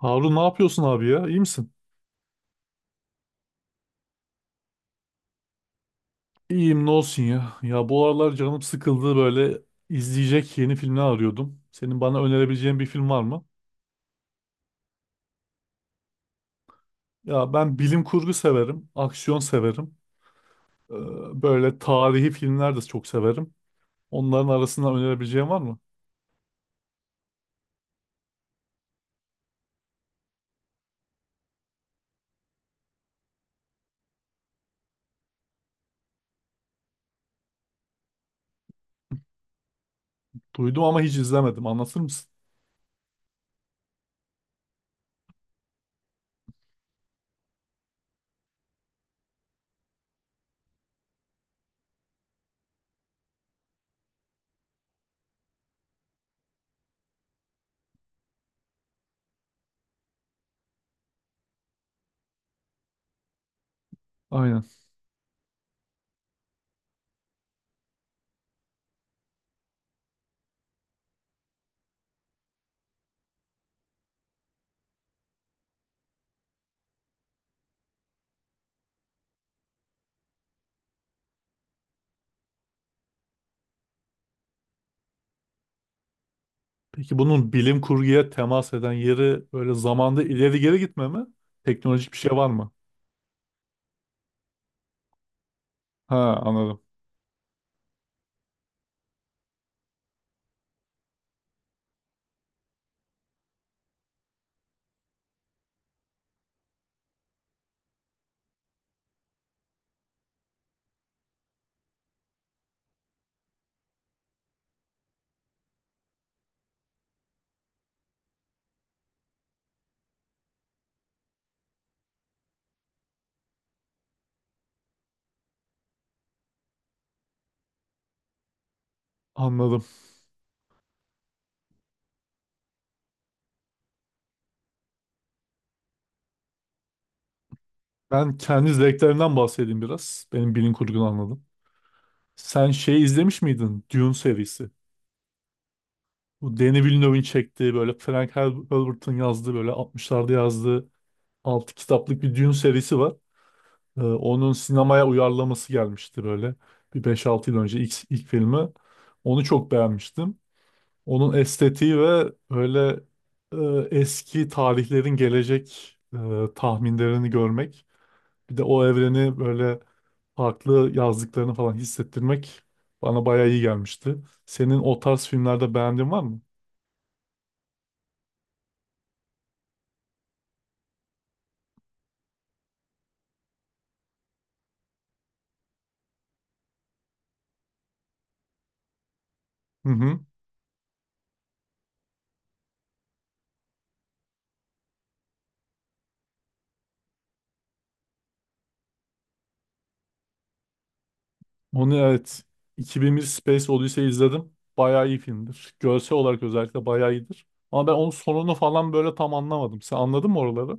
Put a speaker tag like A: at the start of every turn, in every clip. A: Harun, ne yapıyorsun abi ya? İyi misin? İyiyim, ne olsun ya. Ya bu aralar canım sıkıldı, böyle izleyecek yeni filmler arıyordum. Senin bana önerebileceğin bir film var mı? Ya ben bilim kurgu severim, aksiyon severim. Ee, Böyle tarihi filmler de çok severim. Onların arasından önerebileceğin var mı? Duydum ama hiç izlemedim. Anlatır mısın? Aynen. Peki bunun bilim kurguya temas eden yeri böyle zamanda ileri geri gitme mi? Teknolojik bir şey var mı? Ha, anladım. Anladım. Ben kendi zevklerinden bahsedeyim biraz. Benim bilim kurgunu anladım. Sen şey izlemiş miydin? Dune serisi. Bu Denis Villeneuve'in çektiği, böyle Frank Herbert'ın yazdığı, böyle 60'larda yazdığı 6 kitaplık bir Dune serisi var. Onun sinemaya uyarlaması gelmişti böyle. Bir beş altı yıl önce ilk filmi. Onu çok beğenmiştim. Onun estetiği ve böyle eski tarihlerin gelecek tahminlerini görmek. Bir de o evreni böyle farklı yazdıklarını falan hissettirmek bana bayağı iyi gelmişti. Senin o tarz filmlerde beğendiğin var mı? Hı hı. Onu evet, 2001 Space Odyssey izledim. Bayağı iyi filmdir. Görsel olarak özellikle bayağı iyidir. Ama ben onun sonunu falan böyle tam anlamadım. Sen anladın mı oraları?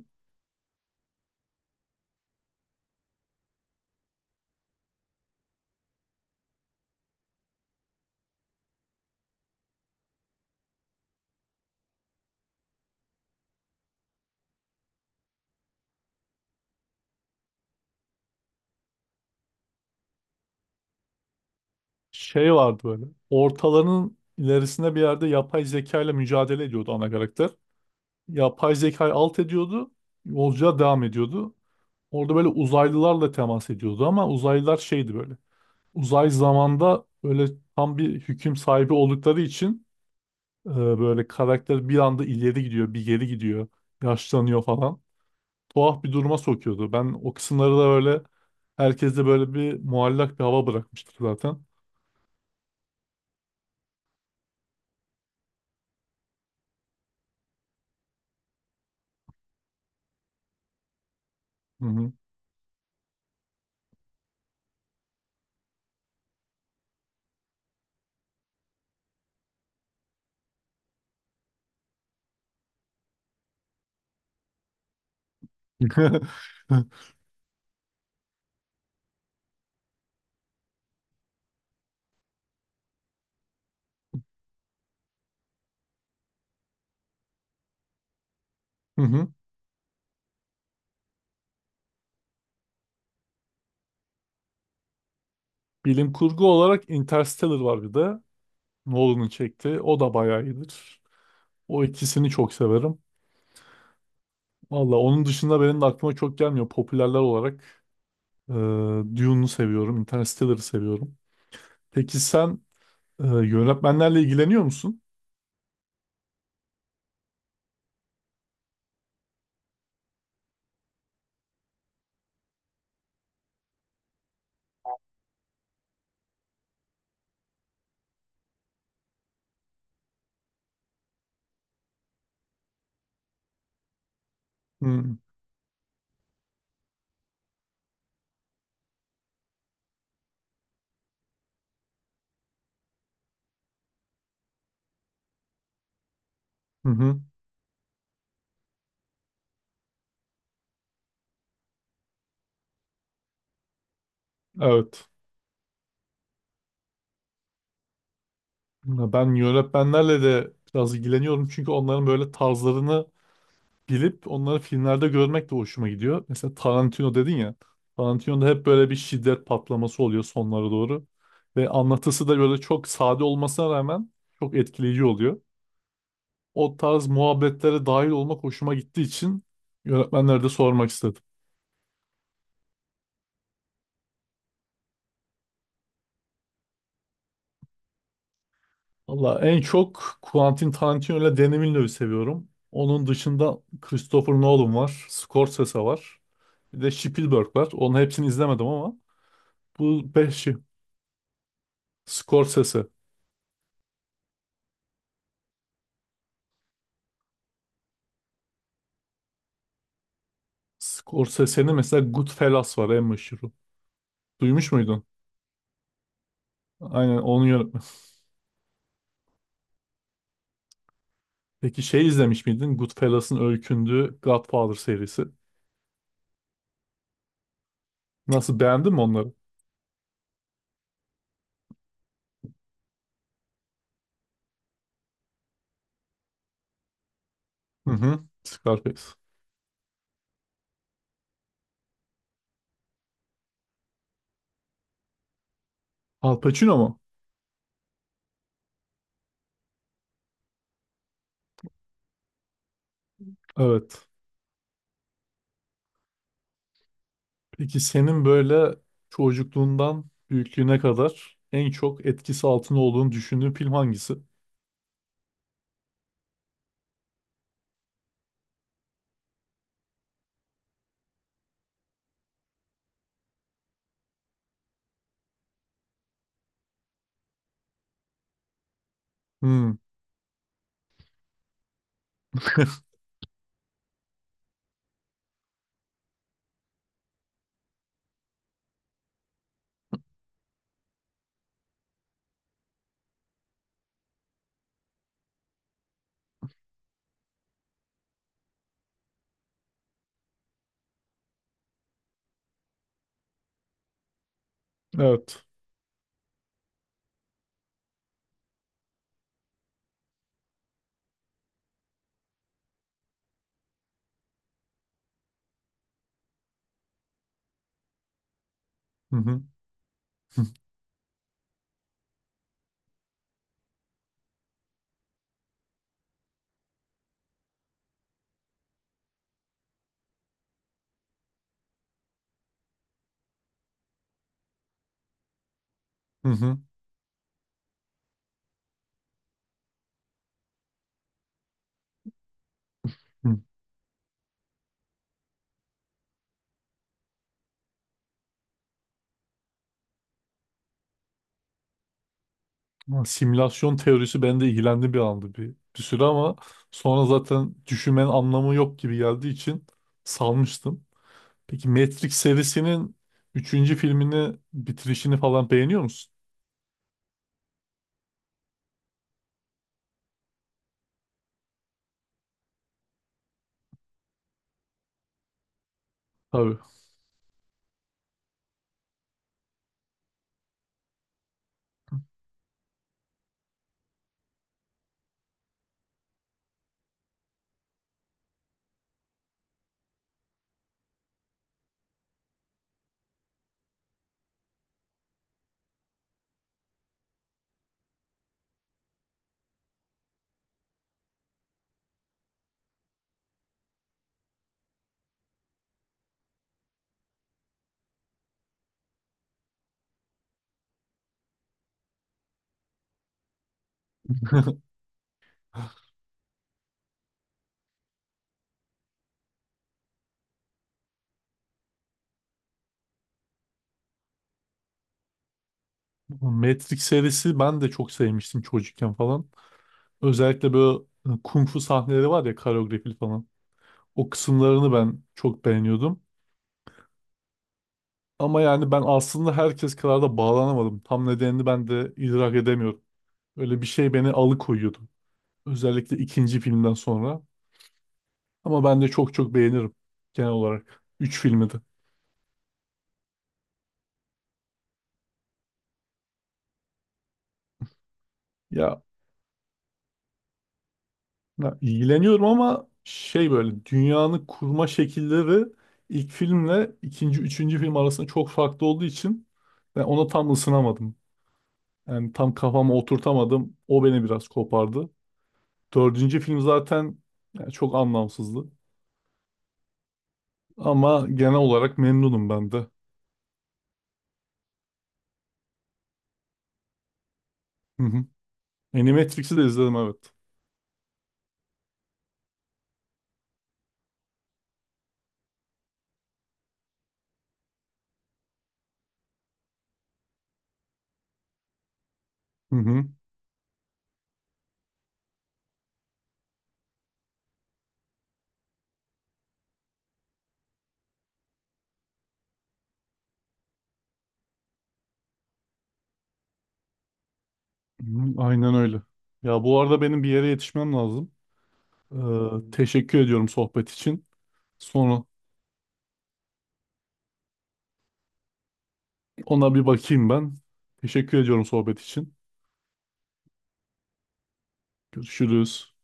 A: Şey vardı böyle. Ortalarının ilerisinde bir yerde yapay zeka ile mücadele ediyordu ana karakter. Yapay zekayı alt ediyordu. Yolculuğa devam ediyordu. Orada böyle uzaylılarla temas ediyordu ama uzaylılar şeydi böyle. Uzay zamanda böyle tam bir hüküm sahibi oldukları için böyle karakter bir anda ileri gidiyor, bir geri gidiyor, yaşlanıyor falan. Tuhaf bir duruma sokuyordu. Ben o kısımları da böyle herkeste böyle bir muallak bir hava bırakmıştı zaten. Hı hı. Hı hı. Bilim kurgu olarak Interstellar var bir de. Nolan'ın çekti. O da bayağı iyidir. O ikisini çok severim. Valla onun dışında benim de aklıma çok gelmiyor. Popülerler olarak e, Dune'u seviyorum. Interstellar'ı seviyorum. Peki sen yönetmenlerle ilgileniyor musun? Hı hı. Hı. Evet. Ya ben yönetmenlerle de biraz ilgileniyorum. Çünkü onların böyle tarzlarını bilip onları filmlerde görmek de hoşuma gidiyor. Mesela Tarantino dedin ya. Tarantino'da hep böyle bir şiddet patlaması oluyor sonlara doğru. Ve anlatısı da böyle çok sade olmasına rağmen çok etkileyici oluyor. O tarz muhabbetlere dahil olmak hoşuma gittiği için yönetmenlere de sormak istedim. Valla en çok Quentin Tarantino ile Danny Villeneuve'ü seviyorum. Onun dışında Christopher Nolan var, Scorsese var. Bir de Spielberg var. Onun hepsini izlemedim ama bu beşi. Scorsese. Scorsese'nin mesela Goodfellas var en meşhuru. Duymuş muydun? Aynen, onun yönetmeni. Peki şey izlemiş miydin? Goodfellas'ın öykündüğü Godfather serisi. Nasıl, beğendin mi onları? Hı hı. Scarface. Al Pacino mu? Evet. Peki senin böyle çocukluğundan büyüklüğüne kadar en çok etkisi altında olduğunu düşündüğün film hangisi? Hmm. Evet. Hı hı. Hı hı. Hı. Ama Simülasyon teorisi bende ilgilendi bir anda bir süre, ama sonra zaten düşünmenin anlamı yok gibi geldiği için salmıştım. Peki Matrix serisinin üçüncü filmini bitirişini falan beğeniyor musun? Tabii. Matrix serisi ben de çok sevmiştim çocukken falan. Özellikle böyle hani kung fu sahneleri var ya, koreografili falan. O kısımlarını ben çok beğeniyordum. Ama yani ben aslında herkes kadar da bağlanamadım. Tam nedenini ben de idrak edemiyorum. Öyle bir şey beni alıkoyuyordu. Özellikle ikinci filmden sonra. Ama ben de çok çok beğenirim genel olarak. Üç filmi de. Ya, ya ilgileniyorum ama şey, böyle dünyanın kurma şekilleri ilk filmle ikinci, üçüncü film arasında çok farklı olduğu için ben ona tam ısınamadım. Yani tam kafama oturtamadım. O beni biraz kopardı. Dördüncü film zaten yani çok anlamsızdı. Ama genel olarak memnunum ben de. Hı hı. Animatrix'i de izledim, evet. Hı hı. Hı, aynen öyle. Ya bu arada benim bir yere yetişmem lazım. Hmm. Teşekkür ediyorum sohbet için. Sonra ona bir bakayım ben. Teşekkür ediyorum sohbet için. Görüşürüz.